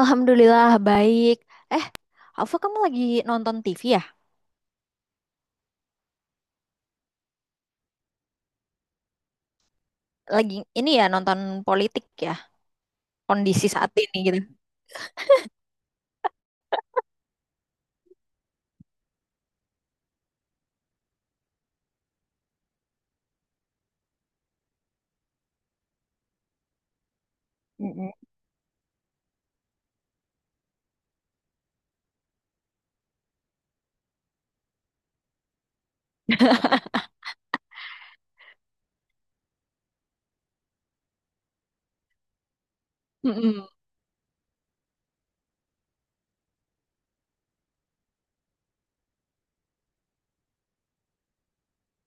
Alhamdulillah baik. Alfa, kamu lagi nonton TV ya? Lagi ini ya, nonton politik ya? Kondisi saat ini gitu. Mm-mm. Mm-mm.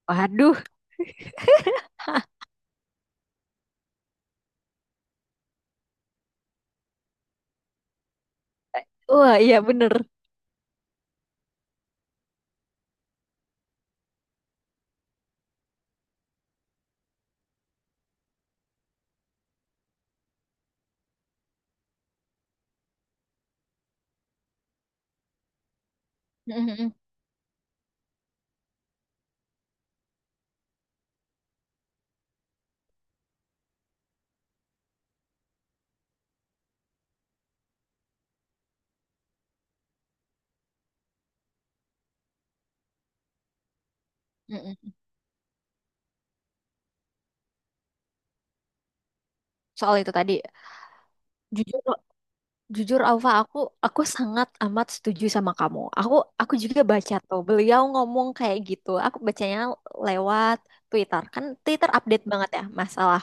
Waduh. Wah, iya bener. Mm-mm. Mm-mm. Soal itu tadi, jujur jujur Alfa, aku sangat amat setuju sama kamu. Aku juga baca tuh beliau ngomong kayak gitu. Aku bacanya lewat Twitter. Kan Twitter update banget ya, masalah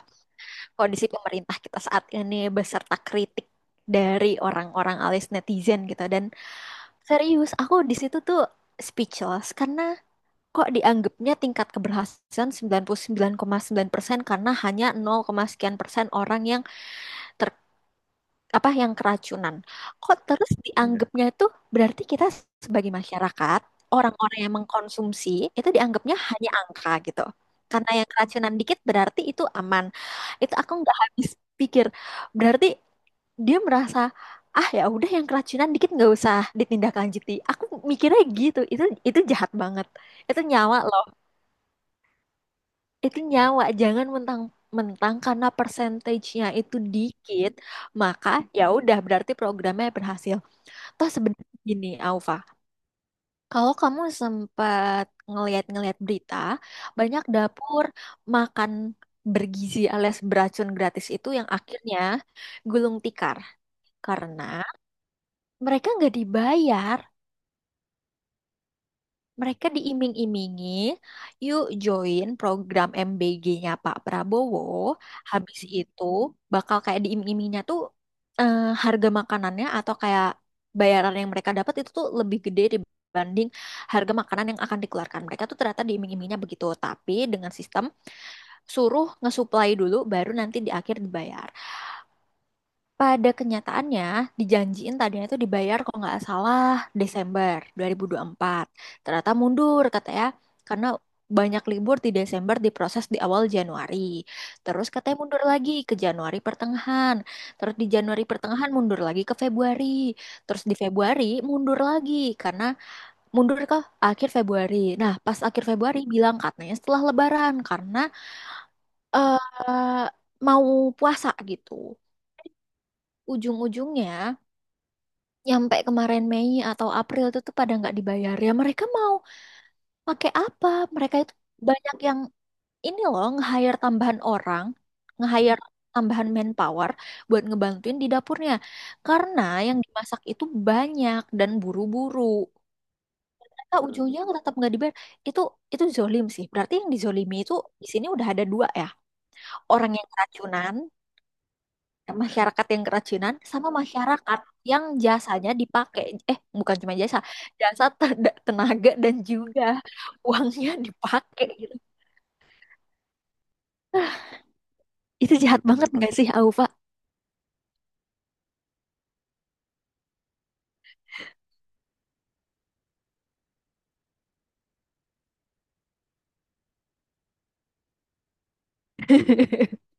kondisi pemerintah kita saat ini beserta kritik dari orang-orang alias netizen gitu, dan serius aku di situ tuh speechless karena kok dianggapnya tingkat keberhasilan 99,9% karena hanya 0, sekian persen orang yang ter apa, yang keracunan. Kok terus, iya, dianggapnya itu berarti kita sebagai masyarakat, orang-orang yang mengkonsumsi itu dianggapnya hanya angka gitu. Karena yang keracunan dikit berarti itu aman. Itu aku nggak habis pikir. Berarti dia merasa, ah ya udah, yang keracunan dikit nggak usah ditindaklanjuti. Aku mikirnya gitu. Itu jahat banget. Itu nyawa loh. Itu nyawa. Jangan mentang mentang karena persentasenya itu dikit maka ya udah berarti programnya berhasil. Toh sebenarnya gini, Aufa, kalau kamu sempat ngeliat-ngeliat berita, banyak dapur makan bergizi alias beracun gratis itu yang akhirnya gulung tikar karena mereka nggak dibayar. Mereka diiming-imingi, yuk join program MBG-nya Pak Prabowo. Habis itu bakal kayak diiming-imingnya tuh, eh, harga makanannya atau kayak bayaran yang mereka dapat itu tuh lebih gede dibanding harga makanan yang akan dikeluarkan. Mereka tuh ternyata diiming-imingnya begitu, tapi dengan sistem suruh ngesuplai dulu baru nanti di akhir dibayar. Pada kenyataannya, dijanjiin tadinya itu dibayar kalau nggak salah Desember 2024. Ternyata mundur katanya karena banyak libur di Desember, diproses di awal Januari. Terus katanya mundur lagi ke Januari pertengahan. Terus di Januari pertengahan mundur lagi ke Februari. Terus di Februari mundur lagi karena mundur ke akhir Februari. Nah, pas akhir Februari bilang katanya setelah Lebaran karena eh mau puasa gitu. Ujung-ujungnya nyampe kemarin Mei atau April itu tuh pada nggak dibayar. Ya mereka mau pakai apa? Mereka itu banyak yang ini loh, nge-hire tambahan orang, nge-hire tambahan manpower buat ngebantuin di dapurnya karena yang dimasak itu banyak dan buru-buru, mereka ujungnya tetap nggak dibayar. Itu itu zolim sih. Berarti yang dizolimi itu di sini udah ada dua ya, orang yang keracunan, masyarakat yang kerajinan sama masyarakat yang jasanya dipakai. Bukan cuma jasa, jasa tenaga dan juga uangnya dipakai gitu. Itu jahat banget nggak sih, Aufa?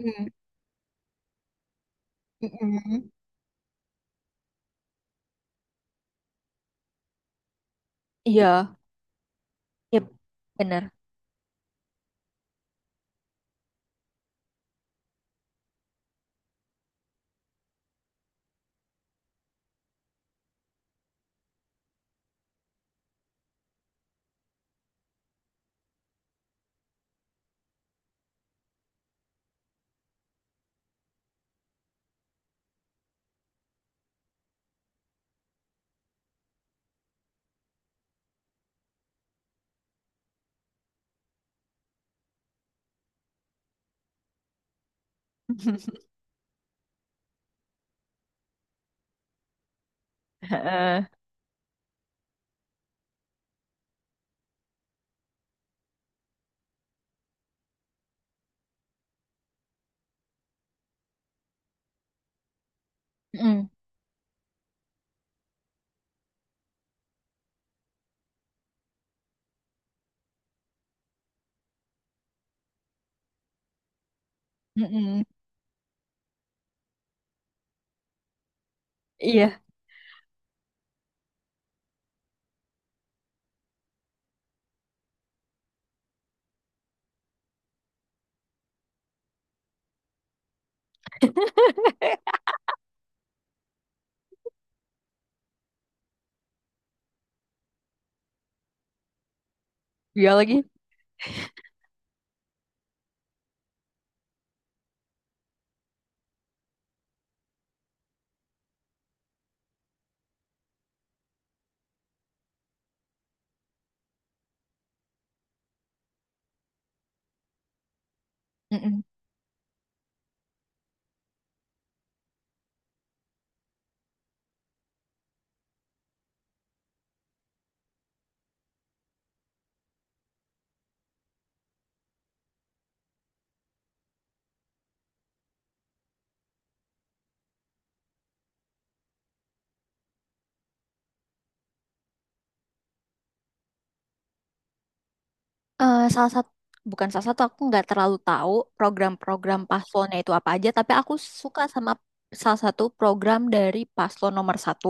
Mm, mm-mm. Iya, iya, bener. Heeh. Mm-mm. Mm-mm. Iya, dia lagi. Eh, salah satu bukan salah satu, aku nggak terlalu tahu program-program paslonnya itu apa aja, tapi aku suka sama salah satu program dari paslon nomor satu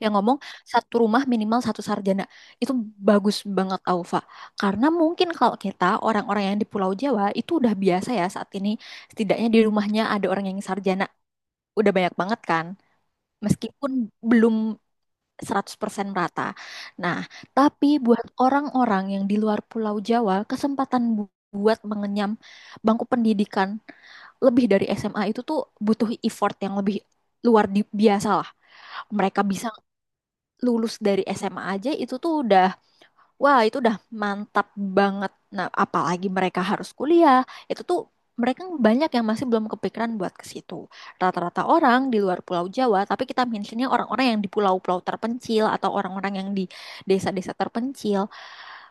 yang ngomong satu rumah minimal satu sarjana. Itu bagus banget, Aufa, karena mungkin kalau kita orang-orang yang di Pulau Jawa itu udah biasa ya, saat ini setidaknya di rumahnya ada orang yang sarjana udah banyak banget kan, meskipun belum 100% merata. Nah, tapi buat orang-orang yang di luar Pulau Jawa, kesempatan buat mengenyam bangku pendidikan lebih dari SMA itu tuh butuh effort yang lebih luar biasa lah. Mereka bisa lulus dari SMA aja itu tuh udah, wah, itu udah mantap banget. Nah, apalagi mereka harus kuliah. Itu tuh mereka banyak yang masih belum kepikiran buat ke situ. Rata-rata orang di luar Pulau Jawa, tapi kita mentionnya orang-orang yang di pulau-pulau terpencil atau orang-orang yang di desa-desa terpencil,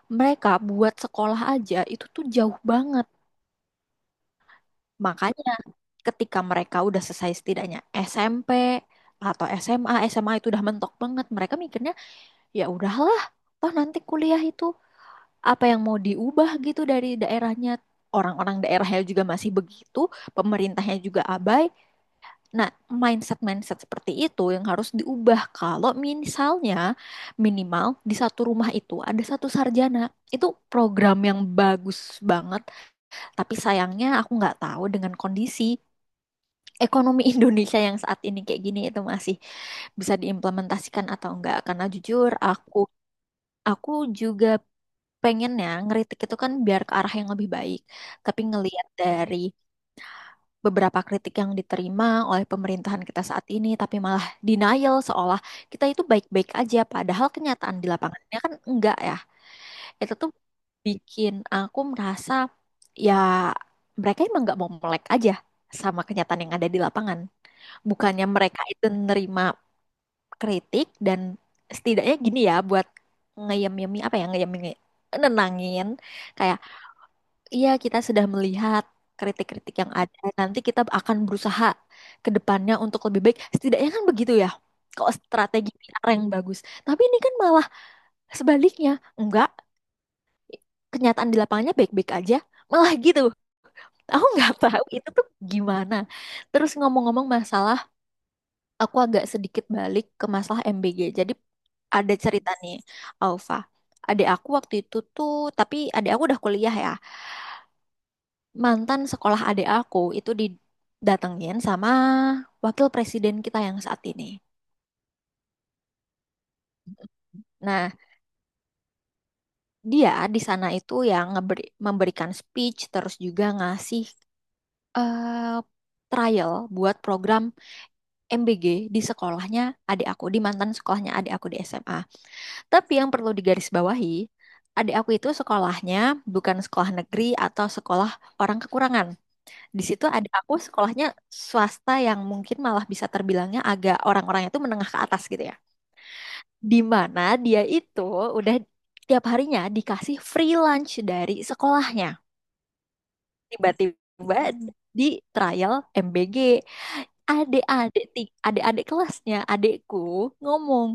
mereka buat sekolah aja itu tuh jauh banget. Makanya ketika mereka udah selesai setidaknya SMP atau SMA, SMA itu udah mentok banget. Mereka mikirnya, ya udahlah, toh nanti kuliah itu, apa yang mau diubah gitu dari daerahnya? Orang-orang daerahnya juga masih begitu, pemerintahnya juga abai. Nah, mindset-mindset seperti itu yang harus diubah kalau misalnya minimal di satu rumah itu ada satu sarjana. Itu program yang bagus banget, tapi sayangnya aku nggak tahu dengan kondisi ekonomi Indonesia yang saat ini kayak gini itu masih bisa diimplementasikan atau enggak, karena jujur, aku juga pengennya ngeritik itu kan biar ke arah yang lebih baik. Tapi ngelihat dari beberapa kritik yang diterima oleh pemerintahan kita saat ini, tapi malah denial seolah kita itu baik-baik aja, padahal kenyataan di lapangannya kan enggak ya. Itu tuh bikin aku merasa, ya, mereka emang nggak mau melek aja sama kenyataan yang ada di lapangan. Bukannya mereka itu nerima kritik dan setidaknya gini ya, buat ngeyem-yemi, apa ya, ngeyem, nenangin, kayak, iya, kita sudah melihat kritik-kritik yang ada, nanti kita akan berusaha ke depannya untuk lebih baik. Setidaknya kan begitu ya. Kalau strategi PR yang bagus. Tapi ini kan malah sebaliknya. Enggak, kenyataan di lapangannya baik-baik aja. Malah gitu. Aku nggak tahu itu tuh gimana. Terus ngomong-ngomong masalah, aku agak sedikit balik ke masalah MBG. Jadi ada cerita nih, Alfa. Adik aku waktu itu tuh, tapi adik aku udah kuliah ya, mantan sekolah adik aku itu didatengin sama wakil presiden kita yang saat ini. Nah, dia di sana itu yang memberikan speech terus juga ngasih, eh, trial buat program MBG di sekolahnya adik aku, di mantan sekolahnya adik aku di SMA. Tapi yang perlu digarisbawahi, adik aku itu sekolahnya bukan sekolah negeri atau sekolah orang kekurangan. Di situ ada aku, sekolahnya swasta yang mungkin malah bisa terbilangnya agak orang-orangnya itu menengah ke atas gitu ya. Di mana dia itu udah tiap harinya dikasih free lunch dari sekolahnya. Tiba-tiba di trial MBG, adik-adik kelasnya adikku ngomong,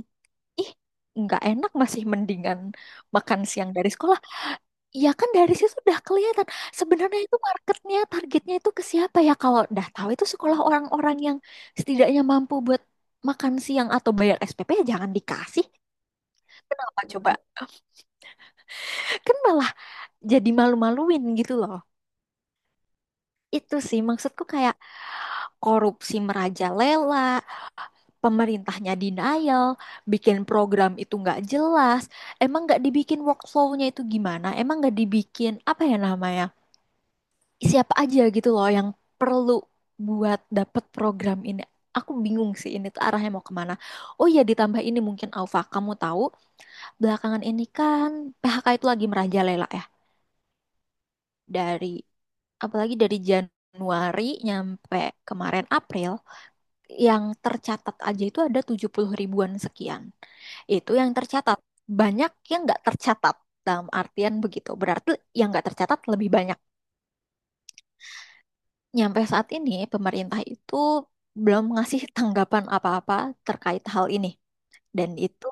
"Ih, nggak enak, masih mendingan makan siang dari sekolah." Ya kan dari situ udah kelihatan sebenarnya itu marketnya, targetnya itu ke siapa ya? Kalau udah tahu itu sekolah orang-orang yang setidaknya mampu buat makan siang atau bayar SPP, ya jangan dikasih. Kenapa coba? Kan malah jadi malu-maluin gitu loh. Itu sih maksudku, kayak korupsi merajalela, pemerintahnya denial, bikin program itu nggak jelas, emang nggak dibikin workflow-nya itu gimana, emang nggak dibikin apa ya namanya, siapa aja gitu loh yang perlu buat dapet program ini. Aku bingung sih, ini tuh arahnya mau kemana. Oh ya, ditambah ini mungkin, Alfa, kamu tahu belakangan ini kan PHK itu lagi merajalela ya. Dari apalagi dari Januari nyampe kemarin April, yang tercatat aja itu ada 70.000-an sekian. Itu yang tercatat. Banyak yang nggak tercatat, dalam artian begitu. Berarti yang nggak tercatat lebih banyak. Nyampe saat ini, pemerintah itu belum ngasih tanggapan apa-apa terkait hal ini. Dan itu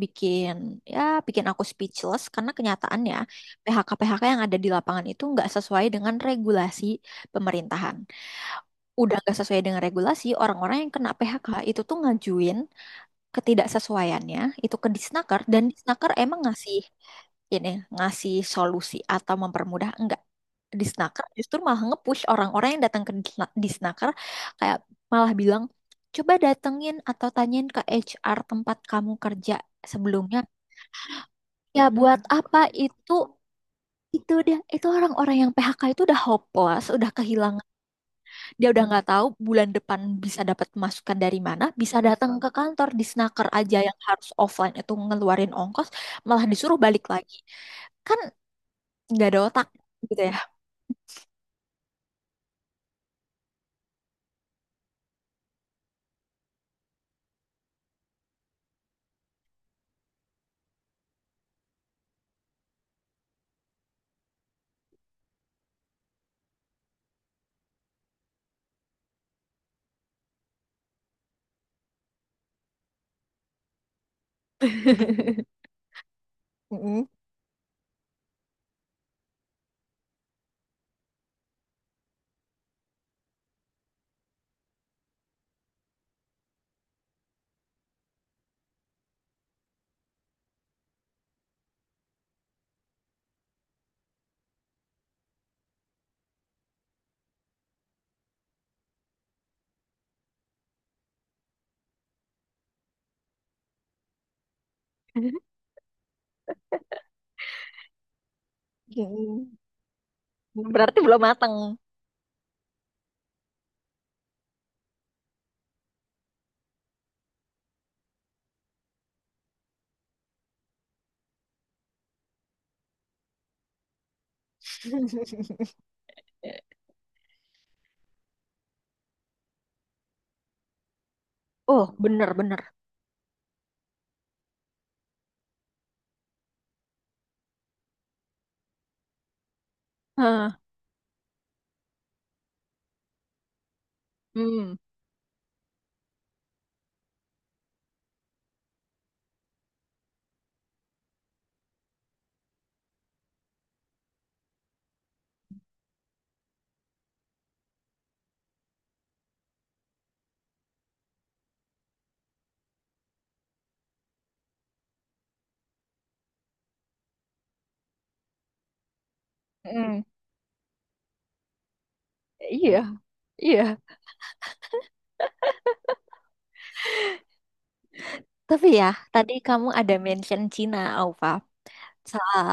bikin, ya bikin aku speechless karena kenyataannya PHK-PHK yang ada di lapangan itu nggak sesuai dengan regulasi pemerintahan. Udah nggak sesuai dengan regulasi, orang-orang yang kena PHK itu tuh ngajuin ketidaksesuaiannya itu ke Disnaker, dan Disnaker emang ngasih ini ngasih solusi atau mempermudah enggak. Disnaker justru malah nge-push orang-orang yang datang ke Disnaker, kayak malah bilang coba datengin atau tanyain ke HR tempat kamu kerja sebelumnya. Ya buat apa itu? Itu dia, itu orang-orang yang PHK itu udah hopeless, udah kehilangan, dia udah nggak tahu bulan depan bisa dapat masukan dari mana, bisa datang ke kantor di snaker aja yang harus offline itu ngeluarin ongkos, malah disuruh balik lagi. Kan nggak ada otak gitu ya. Mm-mm. Berarti belum matang. Oh, bener-bener. Hah, hmm, mm-mm. Iya, iya. Tapi ya, tadi kamu ada mention Cina, Aufa. Salah,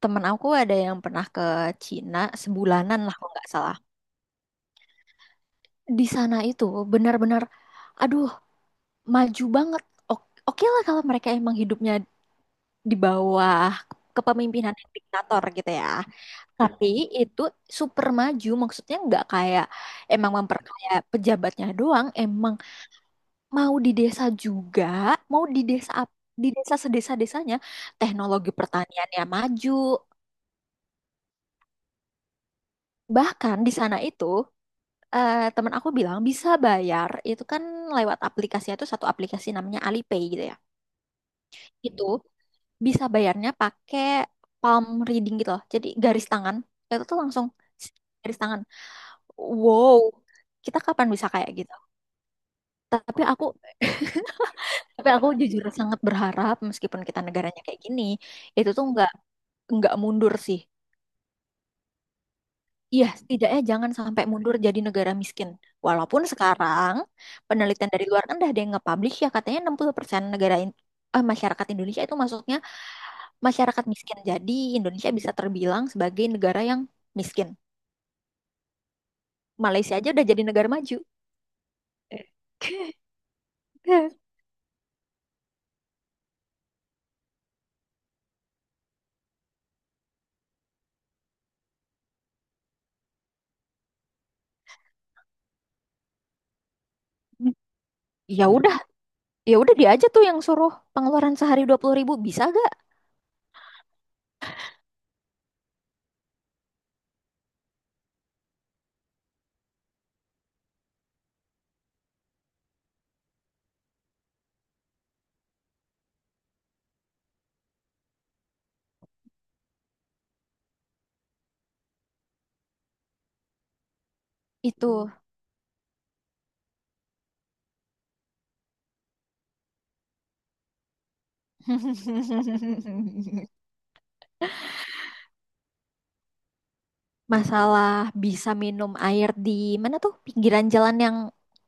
temen aku ada yang pernah ke Cina sebulanan lah kalau nggak salah. Di sana itu benar-benar, aduh, maju banget. Oke lah kalau mereka emang hidupnya di bawah kepemimpinan yang diktator gitu ya, tapi itu super maju, maksudnya nggak kayak emang memperkaya pejabatnya doang. Emang mau di desa juga, mau di desa ap- di desa sedesa-desanya teknologi pertaniannya maju. Bahkan di sana itu, temen aku bilang bisa bayar itu kan lewat aplikasi, itu satu aplikasi namanya Alipay gitu ya, itu bisa bayarnya pakai palm reading gitu loh. Jadi garis tangan itu tuh langsung garis tangan. Wow, kita kapan bisa kayak gitu? Tapi aku tapi aku jujur sangat berharap meskipun kita negaranya kayak gini, itu tuh nggak mundur sih. Iya, setidaknya jangan sampai mundur jadi negara miskin. Walaupun sekarang penelitian dari luar kan udah ada yang nge-publish ya, katanya 60% negara masyarakat Indonesia itu masuknya masyarakat miskin. Jadi Indonesia bisa terbilang sebagai negara yang miskin. Malaysia aja udah jadi negara maju. Ya udah, ya udah, dia aja tuh yang suruh pengeluaran sehari 20.000 bisa gak? Itu. Masalah bisa minum air di mana tuh, pinggiran jalan, yang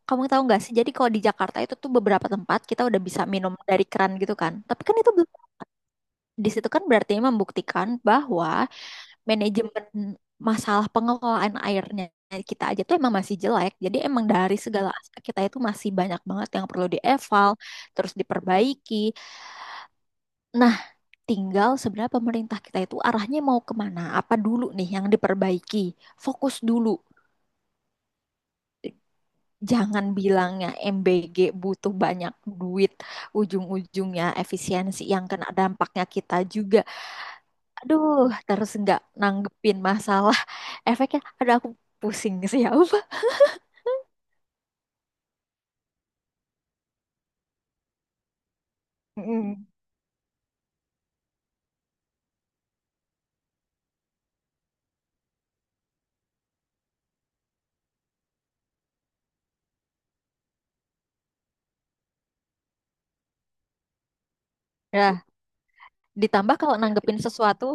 kamu tahu nggak sih? Jadi kalau di Jakarta itu tuh beberapa tempat kita udah bisa minum dari keran gitu kan. Tapi kan itu belum- di situ kan berarti membuktikan bahwa manajemen masalah pengelolaan airnya kita aja tuh emang masih jelek. Jadi emang dari segala aspek kita itu masih banyak banget yang perlu dieval, terus diperbaiki. Nah, tinggal sebenarnya pemerintah kita itu arahnya mau kemana? Apa dulu nih yang diperbaiki? Fokus dulu. Jangan bilangnya MBG butuh banyak duit, ujung-ujungnya efisiensi yang kena dampaknya kita juga. Aduh, terus nggak nanggepin masalah efeknya. Aduh, aku pusing sih ya. Ya, ditambah kalau nanggepin sesuatu,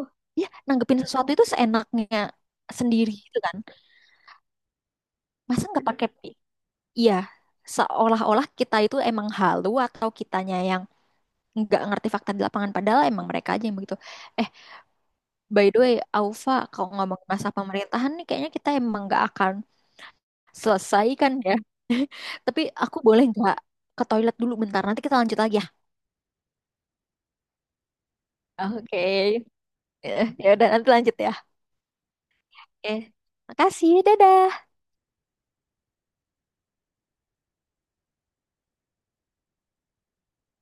ya nanggepin sesuatu itu seenaknya sendiri gitu kan. Masa nggak pakai. Iya, seolah-olah kita itu emang halu atau kitanya yang nggak ngerti fakta di lapangan padahal emang mereka aja yang begitu. Eh, by the way, Aufa, kalau ngomong masa pemerintahan nih kayaknya kita emang nggak akan selesai kan ya. Tapi aku boleh nggak ke toilet dulu bentar, nanti kita lanjut lagi ya. Oke. Eh, ya udah nanti lanjut ya. Oke. Makasih, dadah.